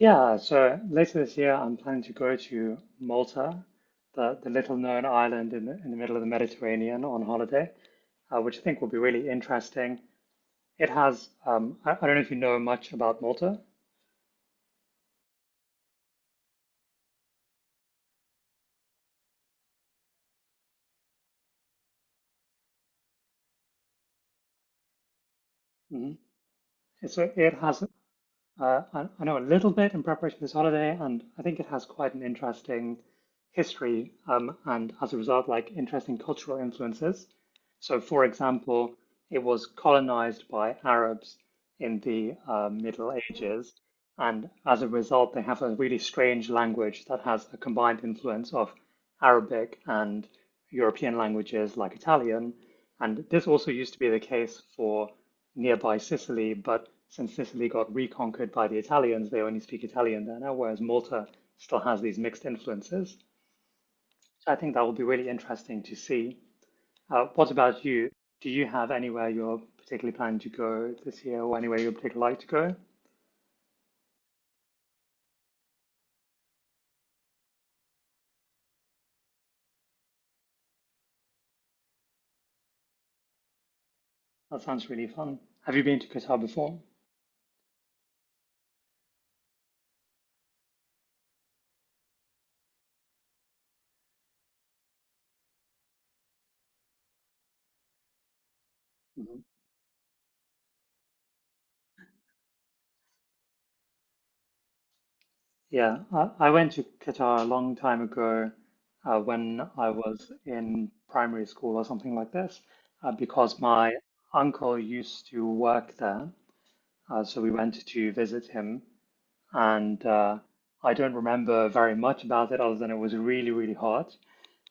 Yeah, so later this year, I'm planning to go to Malta, the little known island in the middle of the Mediterranean on holiday, which I think will be really interesting. I don't know if you know much about Malta. Hmm. So it has. I know a little bit in preparation for this holiday, and I think it has quite an interesting history, and as a result, like interesting cultural influences. So, for example, it was colonized by Arabs in the Middle Ages, and as a result, they have a really strange language that has a combined influence of Arabic and European languages like Italian. And this also used to be the case for nearby Sicily, but since Sicily got reconquered by the Italians, they only speak Italian there now, whereas Malta still has these mixed influences. So I think that will be really interesting to see. What about you? Do you have anywhere you're particularly planning to go this year or anywhere you'd particularly like to go? That sounds really fun. Have you been to Qatar before? Mm-hmm. Yeah, I went to Qatar a long time ago when I was in primary school or something like this, because my uncle used to work there. So we went to visit him, and I don't remember very much about it other than it was really, really hot.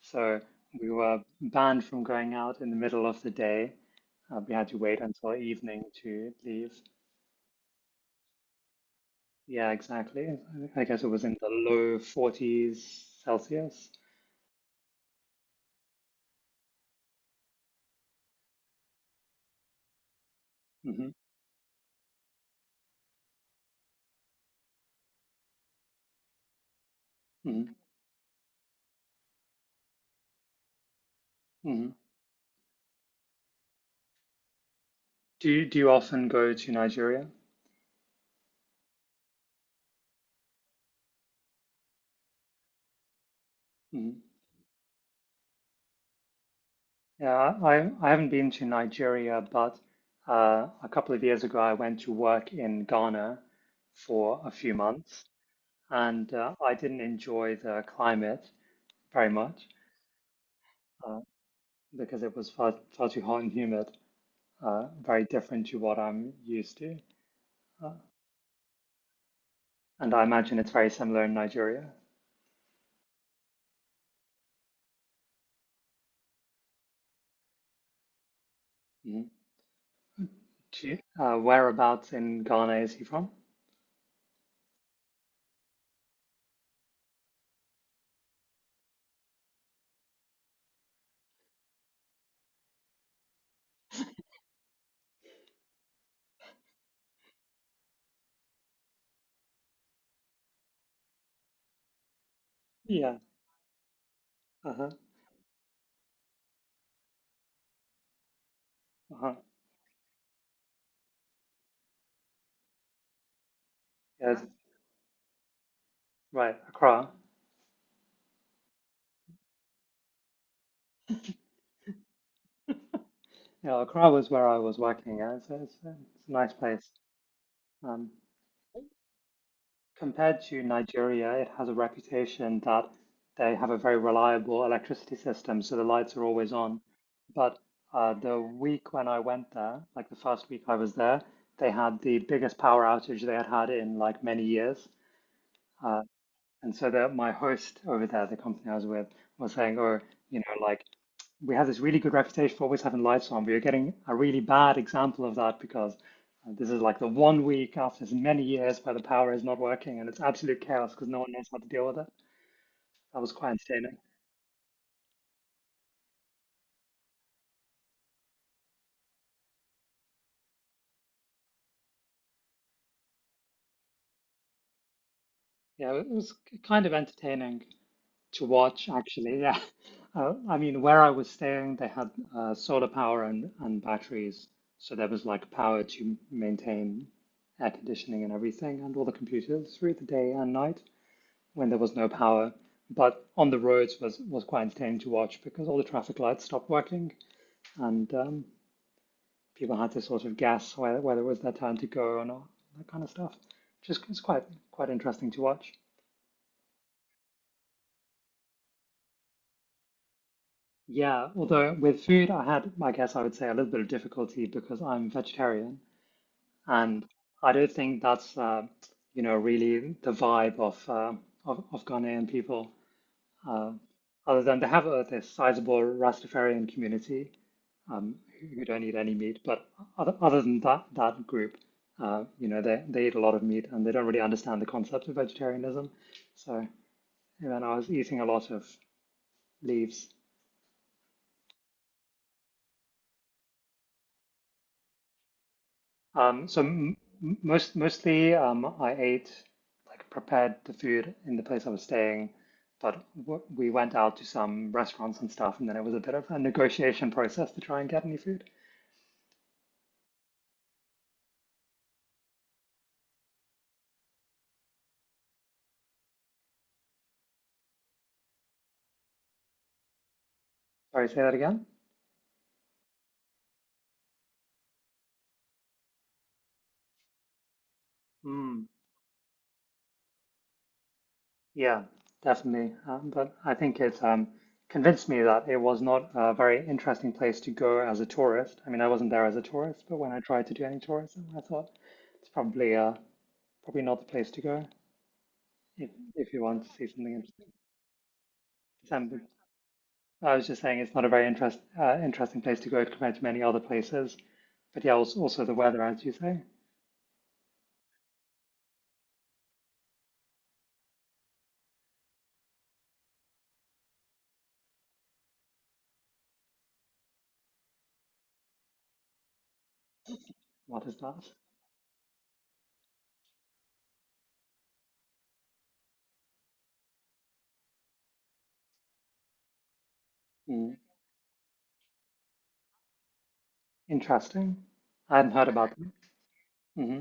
So we were banned from going out in the middle of the day. We had to wait until evening to leave. Yeah, exactly. I guess it was in the low 40s Celsius. Hmm. Hmm. Hmm. Do you often go to Nigeria? Hmm. Yeah, I haven't been to Nigeria, but a couple of years ago I went to work in Ghana for a few months, and I didn't enjoy the climate very much uh, because it was far too hot and humid, very different to what I'm used to, uh, and I imagine it's very similar in Nigeria. Hmm. Do you, whereabouts in Ghana is he from? Yeah. Uh-huh. Uh-huh. Yes, right, Accra. Yeah, Accra was where I was working. Yeah, it's a nice place. Um, compared to Nigeria, it has a reputation that they have a very reliable electricity system, so the lights are always on. But the week when I went there, like the first week I was there, they had the biggest power outage they had had in like many years. Uh, and so that my host over there, the company I was with, was saying, "Oh, like, we have this really good reputation for always having lights on. We are getting a really bad example of that because this is like the one week after many years where the power is not working and it's absolute chaos because no one knows how to deal with it." That was quite entertaining. Yeah, it was kind of entertaining to watch actually. Yeah, I mean where I was staying, they had solar power and batteries, so there was like power to maintain air conditioning and everything and all the computers through the day and night when there was no power. But on the roads was quite entertaining to watch because all the traffic lights stopped working and people had to sort of guess whether it was their turn to go or not, that kind of stuff. Just it's quite interesting to watch. Yeah, although with food I had, I guess I would say a little bit of difficulty because I'm vegetarian and I don't think that's really the vibe of of Ghanaian people. Uh, other than they have this sizable Rastafarian community, um, who don't eat any meat. But other than that group, they eat a lot of meat and they don't really understand the concept of vegetarianism. So, and then I was eating a lot of leaves. So mostly, I ate like prepared the food in the place I was staying. But w we went out to some restaurants and stuff, and then it was a bit of a negotiation process to try and get any food. Sorry, say that again? Hmm. Yeah, definitely. But I think it convinced me that it was not a very interesting place to go as a tourist. I mean, I wasn't there as a tourist, but when I tried to do any tourism, I thought it's probably not the place to go if, if you want to see something interesting. Some- I was just saying it's not a very interesting place to go compared to many other places. But yeah, also the weather, as you say. What is that? Mm, Interesting. I hadn't heard about that. Mm-hmm.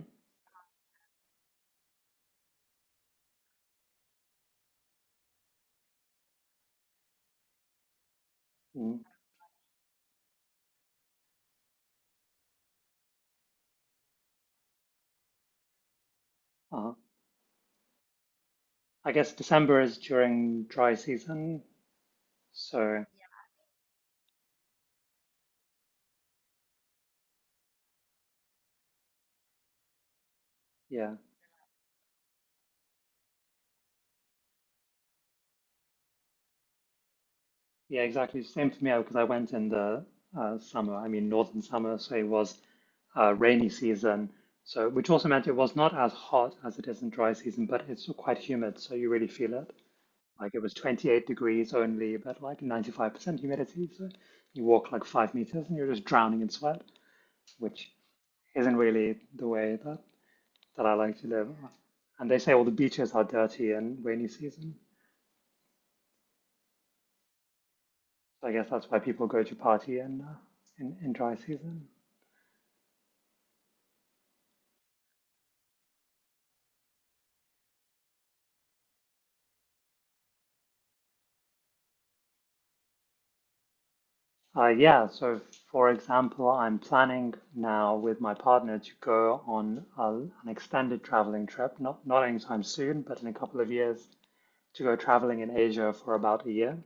Mm-hmm. Uh-huh. I guess December is during dry season. So yeah, yeah, exactly. Same for me because I went in the summer. I mean, northern summer, so it was rainy season. So which also meant it was not as hot as it is in dry season, but it's still quite humid, so you really feel it. Like it was 28 degrees only, but like 95% humidity. So you walk like 5 meters and you're just drowning in sweat, which isn't really the way that I like to live. And they say all the beaches are dirty in rainy season. So I guess that's why people go to party in, in dry season. Yeah, so for example, I'm planning now with my partner to go on an extended traveling trip, not anytime soon, but in a couple of years, to go traveling in Asia for about a year.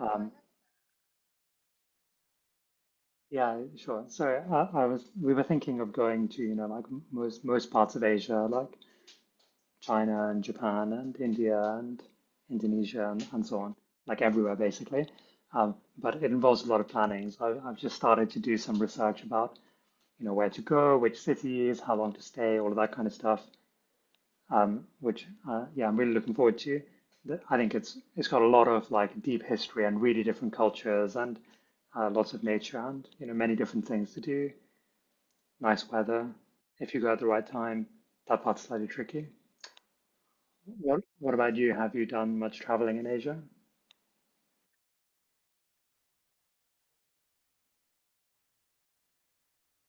Um, yeah, sure. So I was we were thinking of going to, like most parts of Asia, like China and Japan and India and Indonesia and so on, like everywhere basically. But it involves a lot of planning. So I've just started to do some research about, where to go, which cities, how long to stay, all of that kind of stuff. I'm really looking forward to. I think it's got a lot of like deep history and really different cultures and lots of nature and many different things to do. Nice weather if you go at the right time. That part's slightly tricky. What about you? Have you done much traveling in Asia?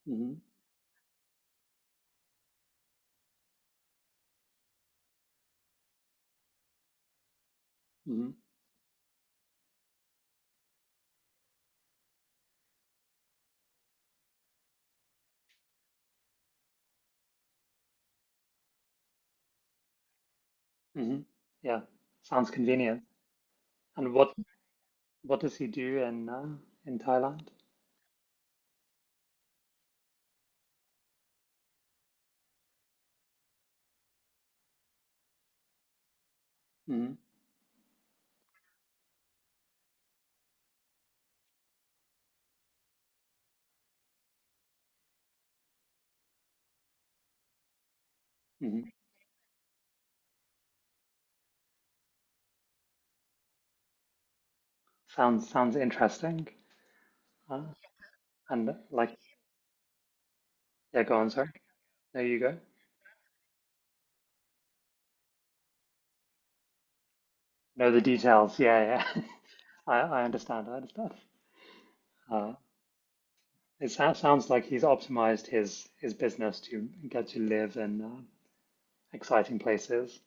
Hmm. Hmm. Hmm. Yeah, sounds convenient. And what does he do in in Thailand? Hmm. Hmm. Sounds interesting. Uh, and uh, like, yeah, go on, sorry. There you go. Know the details. Yeah, yeah. I understand. I understand. Uh, it sounds like he's optimized his business to get to live in exciting places.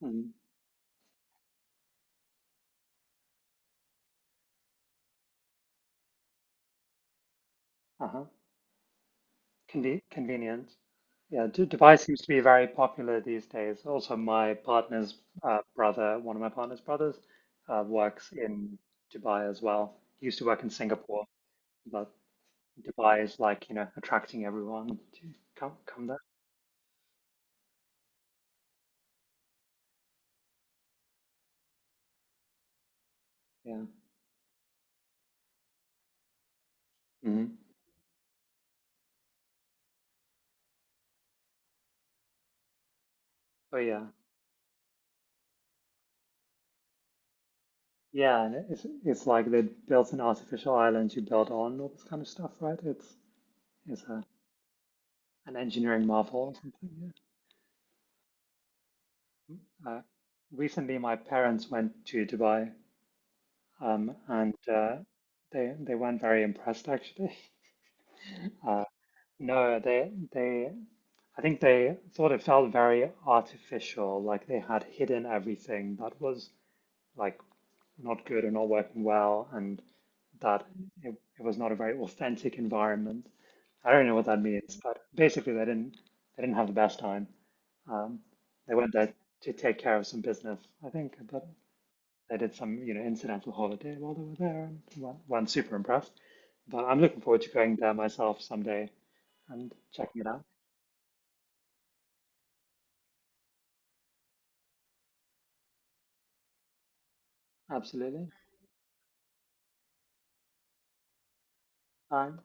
Mhm. Uh-huh. Convenient. Yeah, d Dubai seems to be very popular these days. Also, my partner's brother, one of my partner's brothers, works in Dubai as well. He used to work in Singapore, but Dubai is like, attracting everyone to come there. Yeah. Hmm. But yeah, yeah, and it's like they built an artificial island you build on all this kind of stuff, right? It's an engineering marvel or something. Yeah. Recently, my parents went to Dubai. And they weren't very impressed actually. Uh, no, they I think they thought it felt very artificial, like they had hidden everything that was like not good or not working well, and that it was not a very authentic environment. I don't know what that means, but basically they didn't have the best time. Um, they went there to take care of some business, I think, but they did some, incidental holiday while they were there, and one super impressed. But I'm looking forward to going there myself someday and checking it out. Absolutely. Bye.